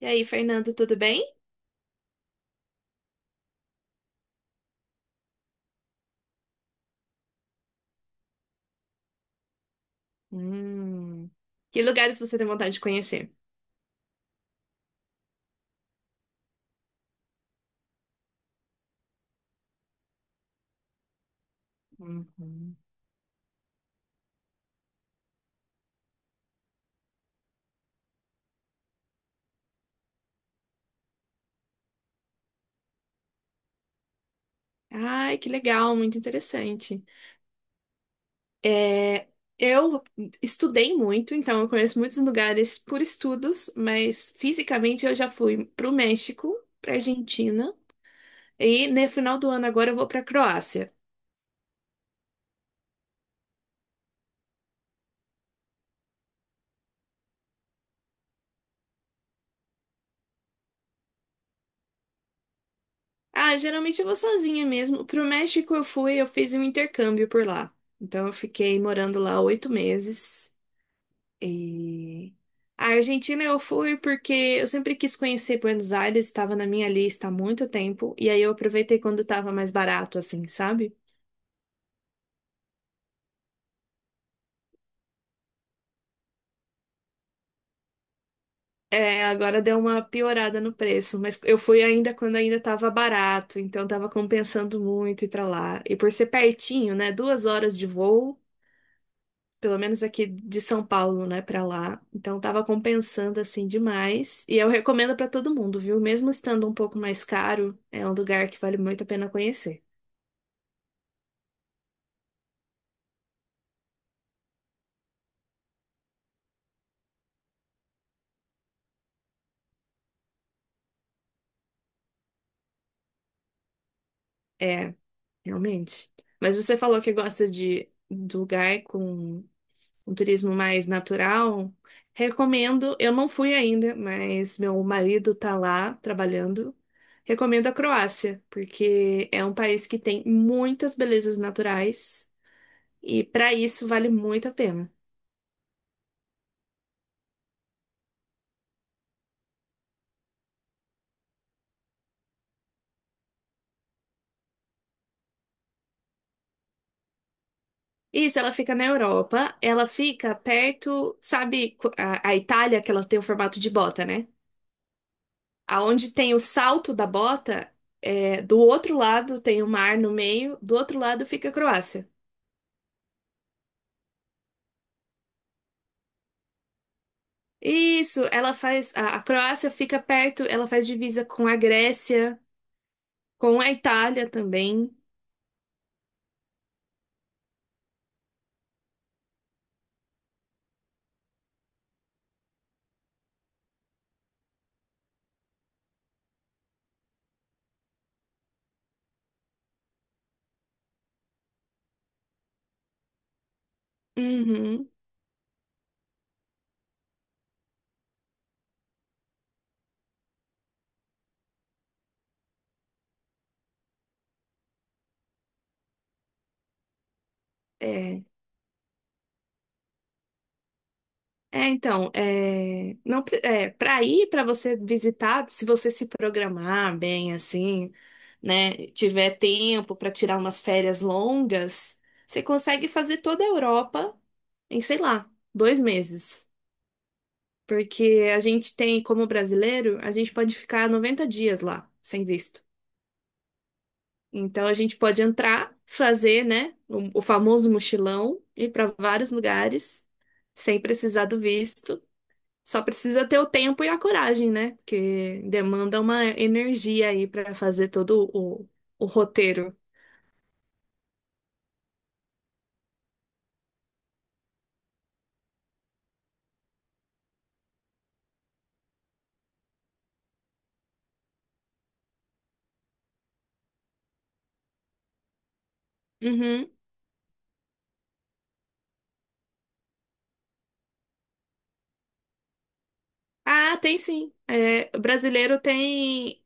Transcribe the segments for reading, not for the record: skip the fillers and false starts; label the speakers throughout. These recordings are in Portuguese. Speaker 1: E aí, Fernando, tudo bem? Que lugares você tem vontade de conhecer? Ai, que legal, muito interessante. É, eu estudei muito, então eu conheço muitos lugares por estudos, mas fisicamente eu já fui para o México, para Argentina, e no final do ano agora eu vou para Croácia. Ah, geralmente eu vou sozinha mesmo. Para o México eu fui, eu fiz um intercâmbio por lá. Então eu fiquei morando lá 8 meses. E a Argentina eu fui porque eu sempre quis conhecer Buenos Aires, estava na minha lista há muito tempo, e aí eu aproveitei quando estava mais barato, assim, sabe? É, agora deu uma piorada no preço, mas eu fui ainda quando ainda estava barato, então estava compensando muito ir para lá. E por ser pertinho, né? 2 horas de voo, pelo menos aqui de São Paulo, né, para lá. Então estava compensando assim demais. E eu recomendo para todo mundo, viu? Mesmo estando um pouco mais caro, é um lugar que vale muito a pena conhecer. É, realmente. Mas você falou que gosta de lugar com um turismo mais natural. Recomendo, eu não fui ainda, mas meu marido tá lá trabalhando. Recomendo a Croácia, porque é um país que tem muitas belezas naturais e para isso vale muito a pena. Isso, ela fica na Europa, ela fica perto, sabe, a Itália, que ela tem o formato de bota, né? Aonde tem o salto da bota, é, do outro lado tem o mar no meio, do outro lado fica a Croácia. Isso, ela faz. A Croácia fica perto, ela faz divisa com a Grécia, com a Itália também. Uhum, é. É, então, é, não, pre- é, Para ir, para você visitar, se você se programar bem, assim, né, tiver tempo para tirar umas férias longas, você consegue fazer toda a Europa em, sei lá, 2 meses. Porque a gente tem, como brasileiro, a gente pode ficar 90 dias lá, sem visto. Então, a gente pode entrar, fazer, né, o famoso mochilão, ir para vários lugares, sem precisar do visto. Só precisa ter o tempo e a coragem, né? Porque demanda uma energia aí para fazer todo o roteiro. Uhum. Ah, tem sim. É, o brasileiro tem.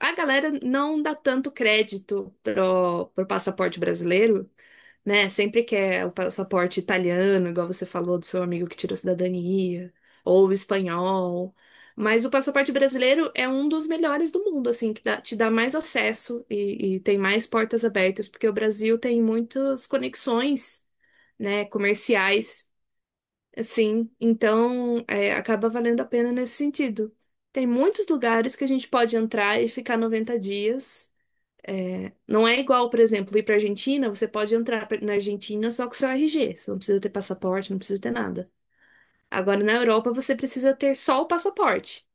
Speaker 1: A galera não dá tanto crédito pro passaporte brasileiro, né? Sempre quer o passaporte italiano, igual você falou do seu amigo que tirou cidadania, ou o espanhol. Mas o passaporte brasileiro é um dos melhores do mundo, assim, que te dá mais acesso e tem mais portas abertas, porque o Brasil tem muitas conexões, né, comerciais, assim, então é, acaba valendo a pena nesse sentido. Tem muitos lugares que a gente pode entrar e ficar 90 dias é, não é igual, por exemplo, ir para Argentina, você pode entrar na Argentina só com o seu RG. Você não precisa ter passaporte, não precisa ter nada. Agora, na Europa, você precisa ter só o passaporte.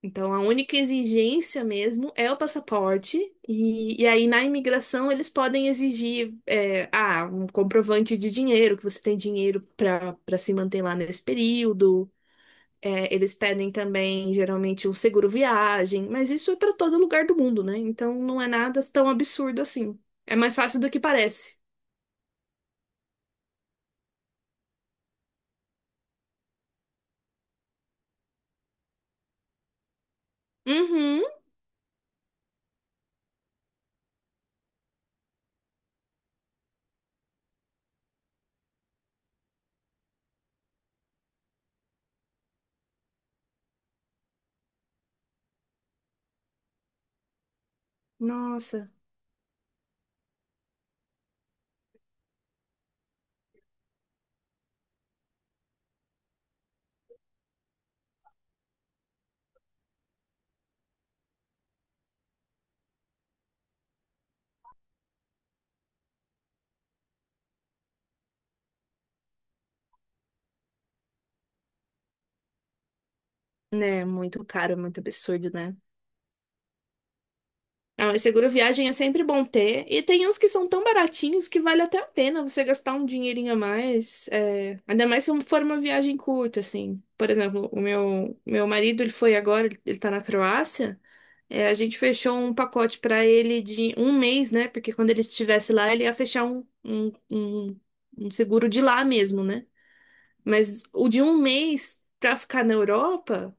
Speaker 1: Então, a única exigência mesmo é o passaporte. E aí, na imigração, eles podem exigir é, ah, um comprovante de dinheiro, que você tem dinheiro para se manter lá nesse período. É, eles pedem também, geralmente, o seguro viagem, mas isso é para todo lugar do mundo, né? Então não é nada tão absurdo assim. É mais fácil do que parece. Uhum. Nossa. Né, muito caro, é muito absurdo, né? Ah, mas seguro viagem é sempre bom ter. E tem uns que são tão baratinhos que vale até a pena você gastar um dinheirinho a mais. É, ainda mais se for uma viagem curta, assim. Por exemplo, o meu marido, ele foi agora, ele tá na Croácia. É, a gente fechou um pacote para ele de um mês, né? Porque quando ele estivesse lá, ele ia fechar um seguro de lá mesmo, né? Mas o de um mês para ficar na Europa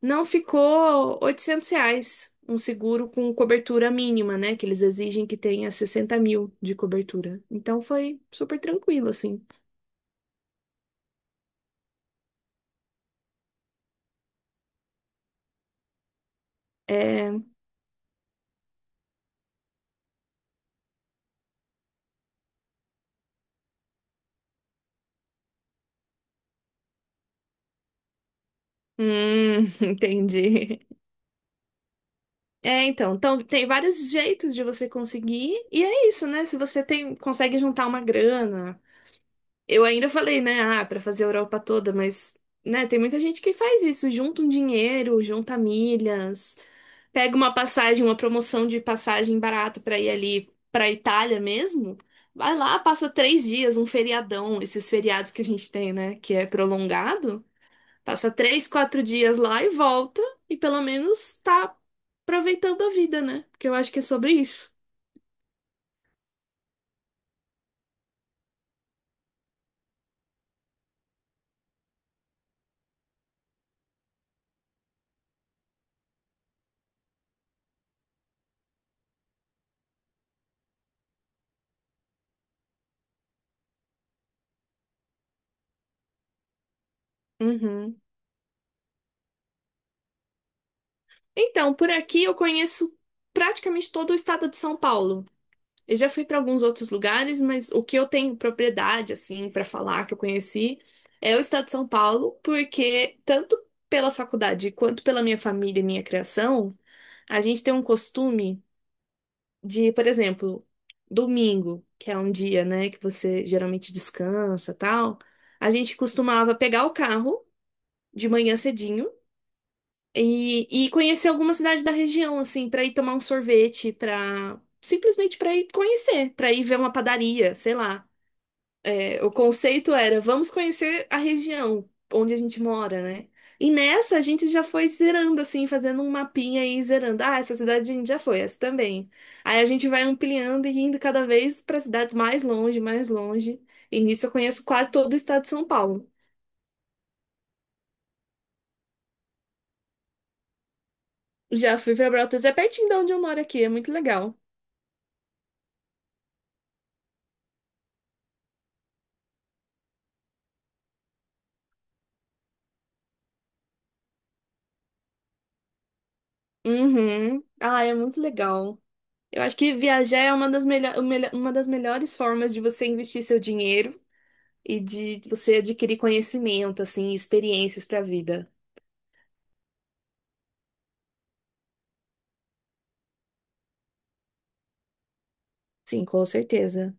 Speaker 1: não ficou R$ 800. Um seguro com cobertura mínima, né? Que eles exigem que tenha 60 mil de cobertura. Então foi super tranquilo, assim. É... entendi. É, então tem vários jeitos de você conseguir, e é isso, né? Se você tem, consegue juntar uma grana. Eu ainda falei, né? Ah, para fazer a Europa toda, mas, né, tem muita gente que faz isso, junta um dinheiro, junta milhas, pega uma passagem, uma promoção de passagem barata para ir ali para Itália mesmo. Vai lá, passa 3 dias, um feriadão, esses feriados que a gente tem, né? Que é prolongado. Passa 3, 4 dias lá e volta, e pelo menos tá aproveitando a vida, né? Porque eu acho que é sobre isso. Uhum. Então, por aqui eu conheço praticamente todo o estado de São Paulo. Eu já fui para alguns outros lugares, mas o que eu tenho propriedade, assim, para falar que eu conheci é o estado de São Paulo, porque tanto pela faculdade quanto pela minha família e minha criação, a gente tem um costume de, por exemplo, domingo, que é um dia, né, que você geralmente descansa, tal, a gente costumava pegar o carro de manhã cedinho e conhecer alguma cidade da região, assim, para ir tomar um sorvete, para simplesmente para ir conhecer, para ir ver uma padaria, sei lá. O conceito era, vamos conhecer a região onde a gente mora, né? E nessa a gente já foi zerando, assim, fazendo um mapinha e zerando. Ah, essa cidade a gente já foi, essa também. Aí a gente vai ampliando e indo cada vez para cidades mais longe, mais longe. E nisso eu conheço quase todo o estado de São Paulo. Já fui para Brotas, é pertinho de onde eu moro aqui, é muito legal. Uhum. Ah, é muito legal. Eu acho que viajar é uma das, uma das melhores formas de você investir seu dinheiro. E de você adquirir conhecimento, assim, experiências para a vida. Sim, com certeza.